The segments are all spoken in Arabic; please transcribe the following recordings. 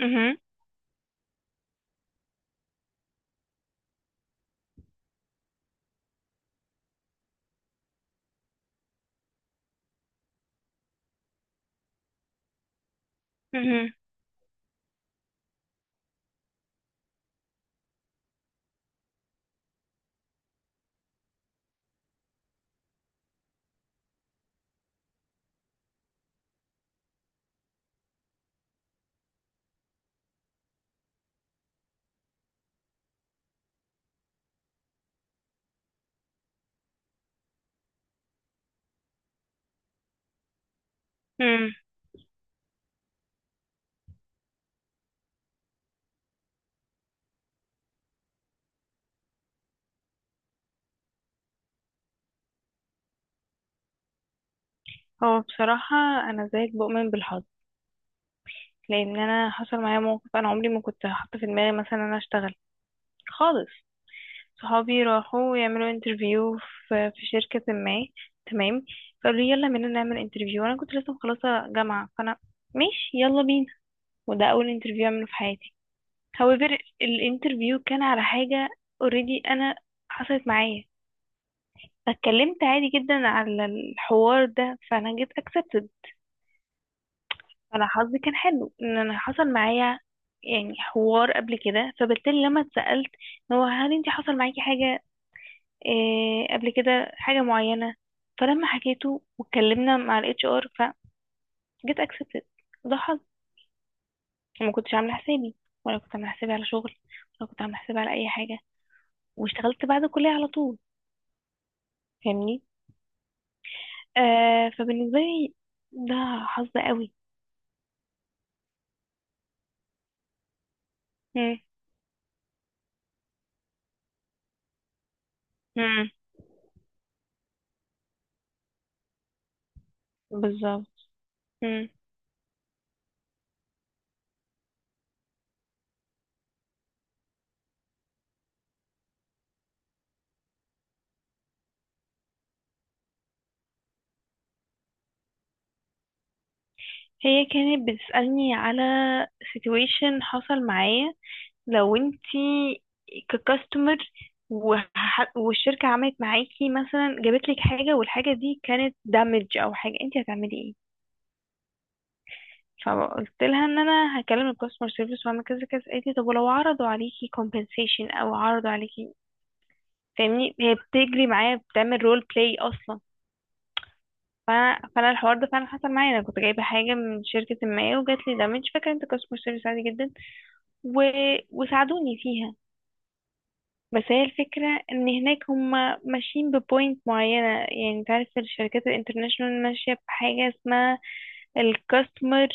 مهم. مهم. مم. هو بصراحة أنا زيك بؤمن بالحظ، لأن أنا حصل معايا موقف. أنا عمري ما كنت حاطة في دماغي مثلا أنا أشتغل خالص. صحابي راحوا يعملوا انترفيو في شركة ما، تمام. فقالوا لي يلا بينا نعمل انترفيو، أنا كنت لسه مخلصة جامعة، فأنا ماشي يلا بينا. وده أول انترفيو أعمله في حياتي. However، الانترفيو كان على حاجة already أنا حصلت معايا، فاتكلمت عادي جدا على الحوار ده، فأنا جيت accepted. انا حظي كان حلو ان انا حصل معايا يعني حوار قبل كده، فبالتالي لما اتسألت إن هو هل انت حصل معاكي حاجة إيه قبل كده، حاجة معينة، فلما حكيته واتكلمنا مع الاتش ار، فجيت اكسبتد. ده حظ. وما كنتش عاملة حسابي، ولا كنت عاملة حسابي على شغل، ولا كنت عاملة حسابي على اي حاجة. واشتغلت بعد الكلية على طول. فاهمني؟ آه، فبالنسبة لي ده حظ قوي. مم. مم. بالظبط. هي كانت بتسألني على situation حصل معايا. لو انتي ككاستمر والشركة عملت معاكي مثلا جابت لك حاجة والحاجة دي كانت damage او حاجة، انتي هتعملي ايه؟ فقلت لها ان انا هكلم الكاستمر سيرفيس واعمل كذا كذا. قالت لي طب ولو عرضوا عليكي compensation او عرضوا عليكي. فاهمني؟ هي بتجري معايا بتعمل رول بلاي اصلا. فانا الحوار ده فعلا حصل معايا، انا كنت جايبه حاجه من شركه ما وجات لي دامج، فاكره انت كاستمر سيرفيس عادي جدا و... وساعدوني فيها. بس هي الفكرة ان هناك هم ماشيين ببوينت معينة، يعني انت عارف الشركات الانترناشونال ماشية بحاجة اسمها الكاستمر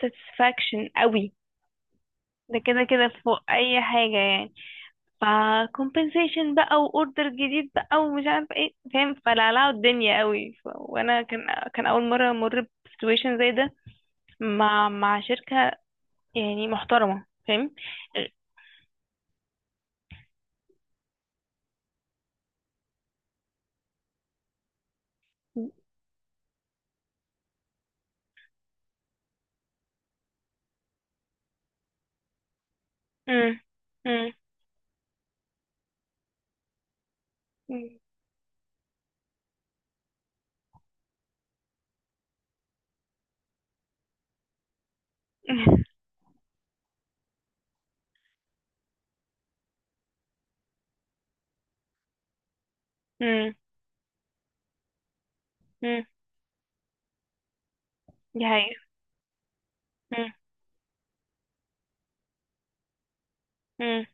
ساتسفاكشن قوي. ده كده كده فوق اي حاجة يعني. ف compensation بقى واوردر جديد بقى ومش عارفة ايه، فاهم؟ فلعلعوا الدنيا قوي. وانا كان كان اول مرة امر بسيتويشن زي ده مع شركة يعني محترمة، فاهم؟ امم. امم. امم. دي حقيقة. امم. امم.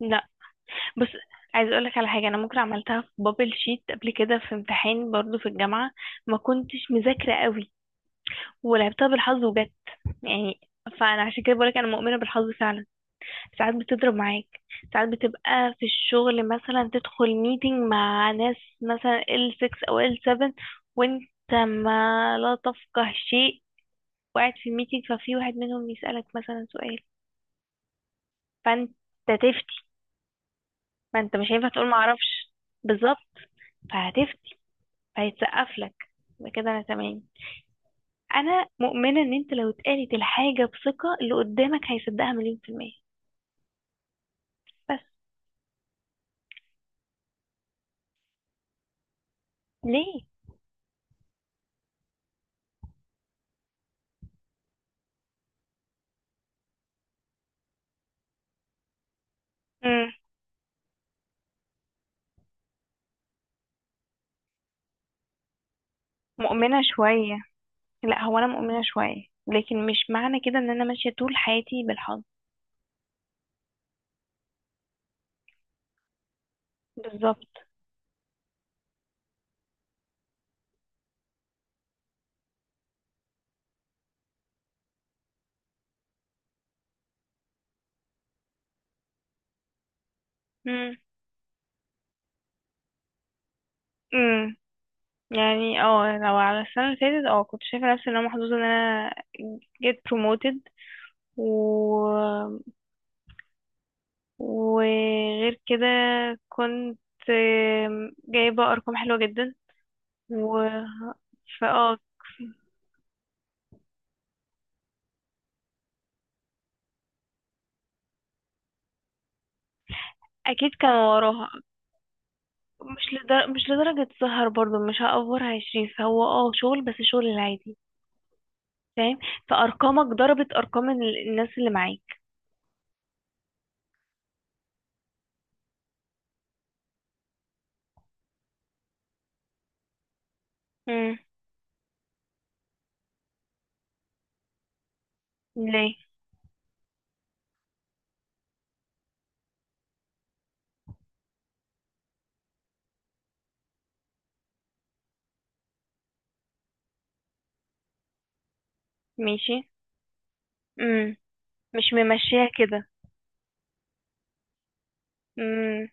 لا، بص، عايز اقولك على حاجة. انا ممكن عملتها في بابل شيت قبل كده في امتحان برضو في الجامعة، ما كنتش مذاكرة قوي ولعبتها بالحظ وجت يعني. فانا عشان كده بقولك انا مؤمنة بالحظ فعلا. ساعات بتضرب معاك، ساعات بتبقى في الشغل مثلا تدخل ميتنج مع ناس مثلا L6 او L7، وانت ما لا تفقه شيء، وقاعد في الميتنج ففي واحد منهم يسألك مثلا سؤال. فانت، ما انت مش هينفع تقول ما اعرفش. بالظبط. فهتفتي، فهيتسقف لك. يبقى كده انا تمام. انا مؤمنه ان انت لو اتقالت الحاجه بثقه اللي قدامك هيصدقها مليون في الميه. ليه؟ امم. مؤمنه شويه. لا، هو انا مؤمنه شويه لكن مش معنى كده ان انا ماشيه طول حياتي بالحظ. بالظبط. امم. امم. يعني اه لو على السنه اللي فاتت، اه كنت شايفه نفسي ان انا محظوظه ان انا get promoted. وغير كده كنت جايبة أرقام حلوة جدا. و فاه. أكيد كان وراها. مش لدرجة سهر برضو، مش هأفورها يا شريف، هو اه شغل بس شغل العادي. فاهم. فأرقامك ضربت أرقام الناس اللي معاك. امم. ليه؟ ماشي. امم. مش ممشيها كده. امم.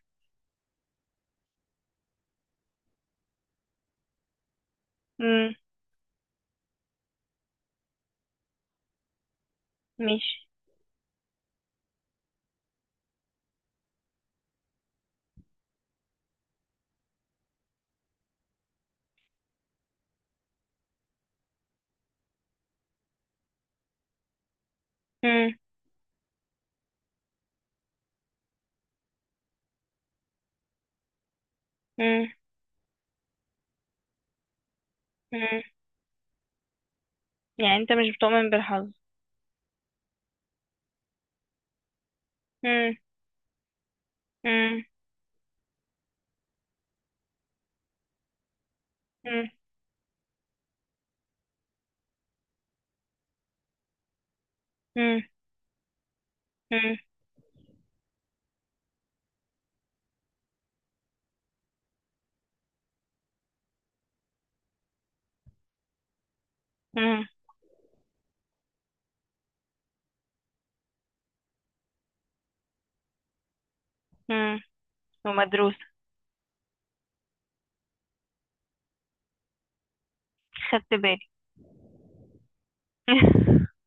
امم. ماشي. امم. امم. امم. يعني انت مش بتؤمن بالحظ؟ امم. امم. امم. امم. امم. ومدروسة. خدت بالي.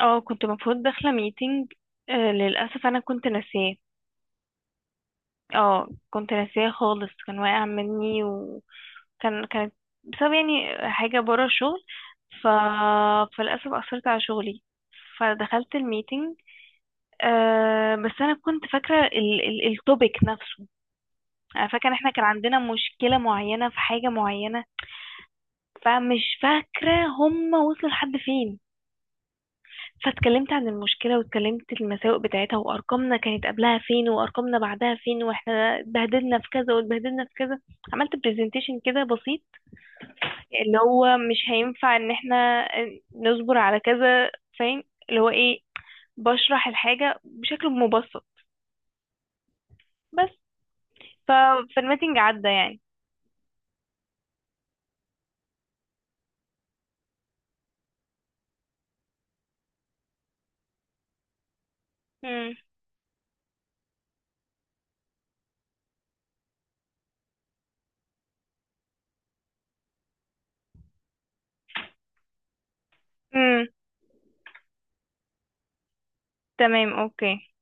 اه كنت المفروض داخلة ميتنج، آه للأسف أنا كنت ناسياه. اه كنت ناسياه خالص، كان واقع مني، وكان كانت بسبب يعني حاجة برا الشغل. ف... فللأسف أثرت على شغلي. فدخلت الميتنج، آه بس أنا كنت فاكرة التوبيك نفسه. أنا فاكرة إن احنا كان عندنا مشكلة معينة في حاجة معينة، فمش فاكرة هما وصلوا لحد فين. فاتكلمت عن المشكلة، واتكلمت المساوئ بتاعتها، وأرقامنا كانت قبلها فين وأرقامنا بعدها فين، وإحنا اتبهدلنا في كذا واتبهدلنا في كذا. عملت برزنتيشن كده بسيط اللي هو مش هينفع إن إحنا نصبر على كذا، فاهم؟ اللي هو إيه بشرح الحاجة بشكل مبسط بس. ف- فالميتنج عدى يعني. مم. مم. تمام أوكي.